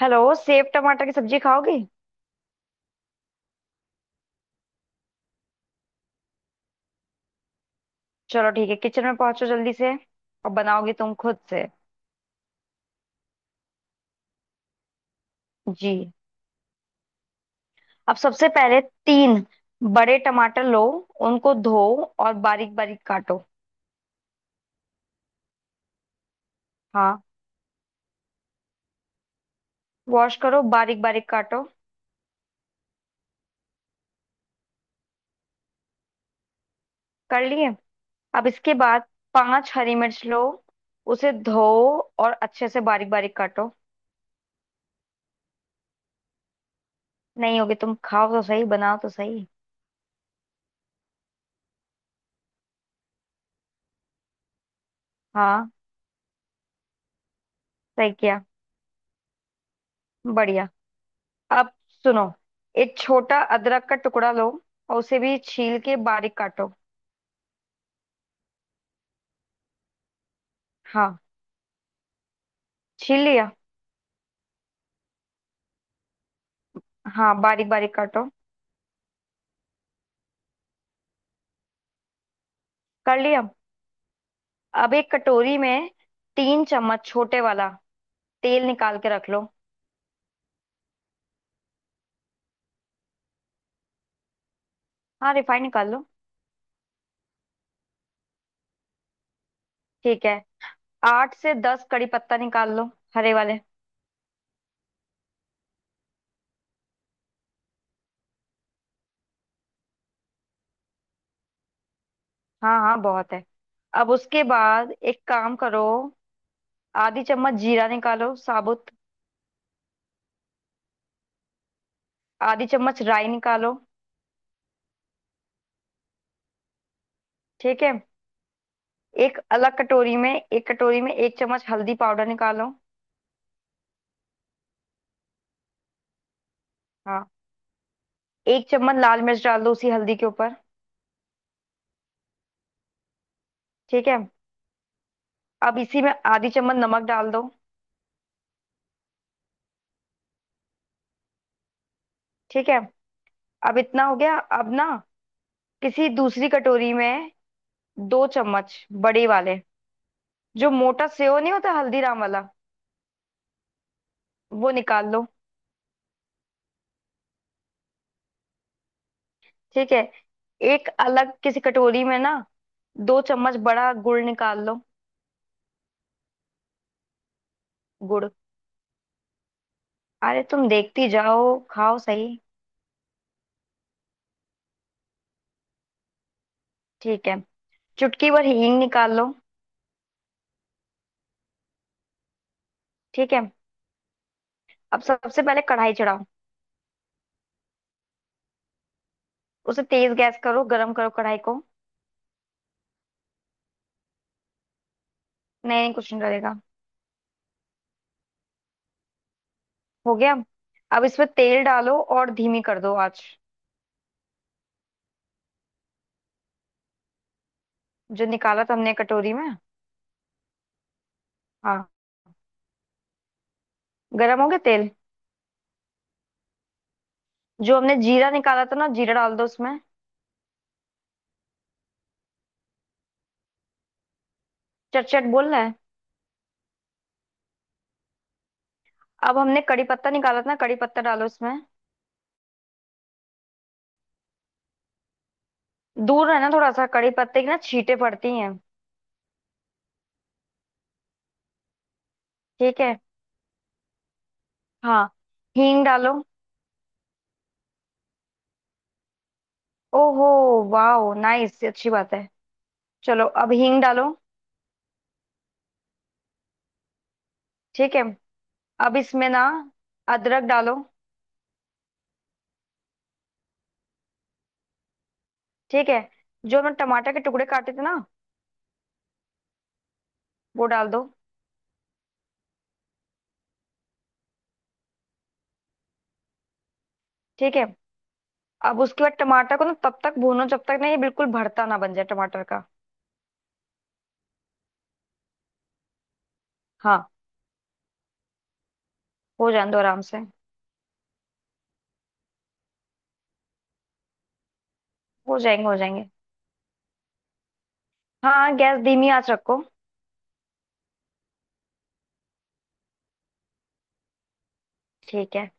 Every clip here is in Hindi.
हेलो। सेब टमाटर की सब्जी खाओगे? चलो ठीक है, किचन में पहुंचो जल्दी से। और बनाओगी तुम खुद से? जी। अब सबसे पहले तीन बड़े टमाटर लो, उनको धो और बारीक बारीक काटो। हाँ, वॉश करो, बारीक बारीक काटो। कर लिए? अब इसके बाद पांच हरी मिर्च लो, उसे धो और अच्छे से बारीक बारीक काटो। नहीं होगी, तुम खाओ तो सही, बनाओ तो सही। हाँ, सही किया। बढ़िया। अब सुनो, एक छोटा अदरक का टुकड़ा लो और उसे भी छील के बारीक काटो। हाँ, छील लिया। हाँ, बारीक बारीक काटो। कर लिया? अब एक कटोरी में 3 चम्मच छोटे वाला तेल निकाल के रख लो। हाँ, रिफाइंड निकाल लो। ठीक है, 8 से 10 कड़ी पत्ता निकाल लो, हरे वाले। हाँ हाँ, बहुत है। अब उसके बाद एक काम करो। आधी चम्मच जीरा निकालो, साबुत। आधी चम्मच राई निकालो। ठीक है। एक अलग कटोरी में, एक कटोरी में एक चम्मच हल्दी पाउडर निकालो। हाँ। एक चम्मच लाल मिर्च डाल दो उसी हल्दी के ऊपर। ठीक है। अब इसी में आधी चम्मच नमक डाल दो। ठीक है। अब इतना हो गया। अब ना किसी दूसरी कटोरी में 2 चम्मच बड़े वाले, जो मोटा सेव नहीं होता हल्दीराम वाला, वो निकाल लो। ठीक है। एक अलग किसी कटोरी में ना, 2 चम्मच बड़ा गुड़ निकाल लो। गुड़। अरे, तुम देखती जाओ, खाओ सही। ठीक है, चुटकी भर हींग निकाल लो। ठीक है। अब सबसे पहले कढ़ाई चढ़ाओ। उसे तेज गैस करो, गरम करो कढ़ाई को। नहीं नहीं, कुछ नहीं डलेगा। हो गया? अब इसमें तेल डालो और धीमी कर दो आंच। जो निकाला था हमने कटोरी में। हाँ। गरम हो गया तेल। जो हमने जीरा निकाला था ना, जीरा डाल दो उसमें। चट चट बोल रहा है। अब हमने कड़ी पत्ता निकाला था ना, कड़ी पत्ता डालो उसमें। दूर है ना थोड़ा सा, कड़ी पत्ते की ना छींटे पड़ती हैं। ठीक है। हाँ, हींग डालो। ओहो, वाह, नाइस, अच्छी बात है। चलो, अब हींग डालो। ठीक है। अब इसमें ना अदरक डालो। ठीक है। जो हमने टमाटर के टुकड़े काटे थे ना, वो डाल दो। ठीक है। अब उसके बाद टमाटर को ना तब तक भूनो जब तक ना ये बिल्कुल भरता ना बन जाए टमाटर का। हाँ, हो जाने दो आराम से। हो जाएंगे हो जाएंगे। हाँ, गैस धीमी आंच रखो। ठीक है।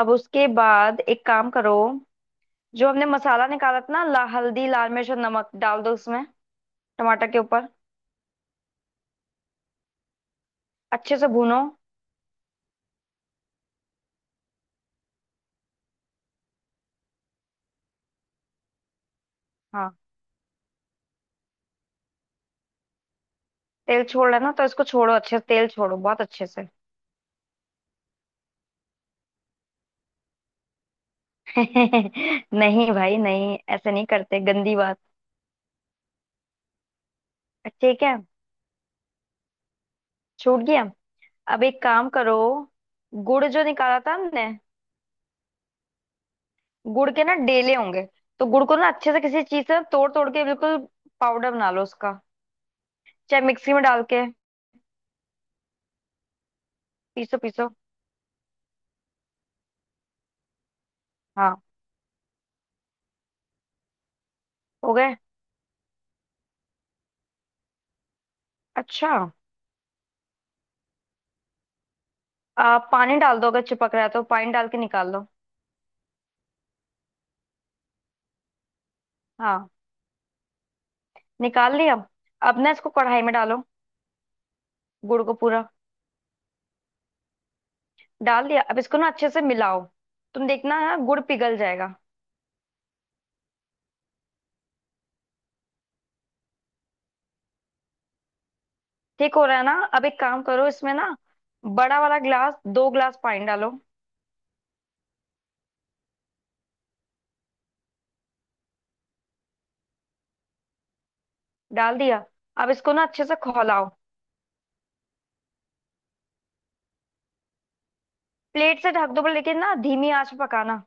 अब उसके बाद एक काम करो। जो हमने मसाला निकाला था ना, हल्दी लाल मिर्च और नमक डाल दो उसमें, टमाटर के ऊपर। अच्छे से भूनो। हाँ, तेल छोड़ रहा है ना, तो इसको छोड़ो अच्छे से, तेल छोड़ो बहुत अच्छे से। नहीं भाई नहीं, ऐसे नहीं करते, गंदी बात। ठीक है, छूट गया। अब एक काम करो। गुड़ जो निकाला था हमने, गुड़ के ना डेले होंगे, तो गुड़ को ना अच्छे से किसी चीज से तोड़ तोड़ के बिल्कुल पाउडर बना लो उसका। चाहे मिक्सी में डाल के पीसो पीसो। हाँ, हो गए? अच्छा। पानी डाल दो, अगर चिपक रहा है तो पानी डाल के निकाल लो। हाँ, निकाल लिया? अब ना इसको कढ़ाई में डालो, गुड़ को पूरा। डाल दिया? अब इसको ना अच्छे से मिलाओ, तुम देखना ना गुड़ पिघल जाएगा। ठीक हो रहा है ना? अब एक काम करो इसमें ना, बड़ा वाला ग्लास, 2 ग्लास पानी डालो। डाल दिया? अब इसको ना अच्छे से खौलाओ। प्लेट से ढक दो, पर लेकिन ना धीमी आंच पे पकाना।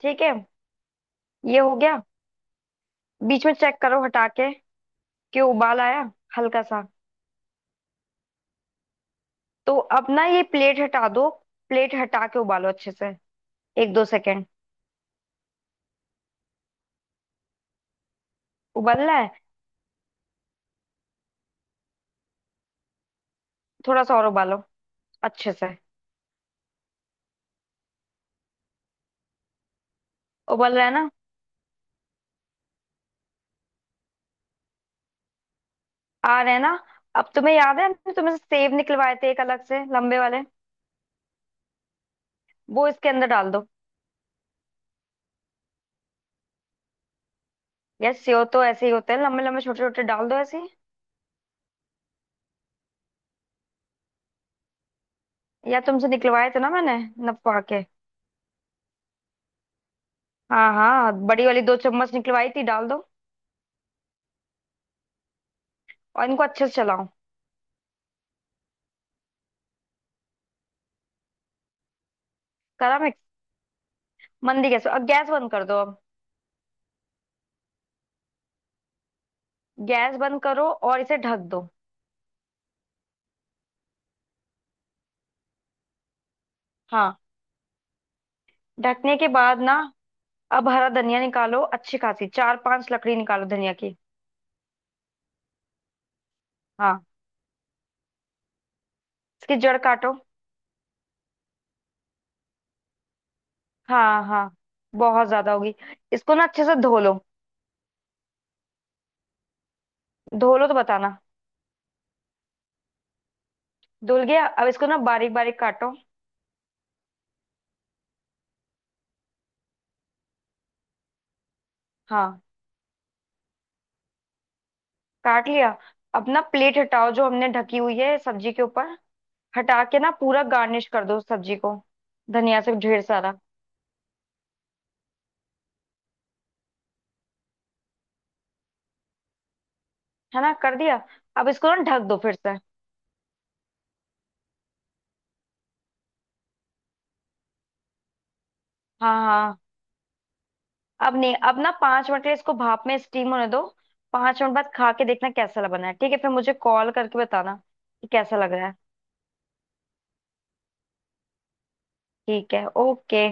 ठीक है। ये हो गया? बीच में चेक करो हटा के, कि उबाल आया हल्का सा। तो अब ना ये प्लेट हटा दो, प्लेट हटा के उबालो अच्छे से, एक दो सेकेंड। उबल रहा है। थोड़ा सा और उबालो, अच्छे से। उबल रहा है ना? आ रहा है ना? अब तुम्हें याद है हमने तुमसे सेव निकलवाए थे एक अलग से, लंबे वाले? वो इसके अंदर डाल दो। यार सेव तो ऐसे ही होते हैं, लंबे लंबे छोटे छोटे, डाल दो ऐसे ही। या तुमसे निकलवाए थे ना मैंने, नपवा के। हाँ हाँ, बड़ी वाली 2 चम्मच निकलवाई थी, डाल दो। और इनको अच्छे से चलाओ। करा मिक्स? मंदी गैस पे। अब गैस बंद कर दो अब। गैस बंद करो और इसे ढक दो। हाँ। ढकने के बाद ना अब हरा धनिया निकालो, अच्छी खासी चार पांच लकड़ी निकालो धनिया की। हाँ। इसकी जड़ काटो। हाँ हाँ, बहुत ज्यादा होगी। इसको ना अच्छे से धो लो। धो लो तो बताना। धुल गया? अब इसको ना बारीक बारीक काटो। हाँ, काट लिया? अब ना प्लेट हटाओ जो हमने ढकी हुई है सब्जी के ऊपर, हटा के ना पूरा गार्निश कर दो उस सब्जी को, धनिया से ढेर सारा। है ना, कर दिया? अब इसको ना ढक दो फिर से। हाँ हाँ। अब नहीं, अब ना 5 मिनट के लिए इसको भाप में स्टीम होने दो। 5 मिनट बाद खा के देखना कैसा लग बना है, ठीक है? फिर मुझे कॉल करके बताना कि कैसा लग रहा है। ठीक है, ओके।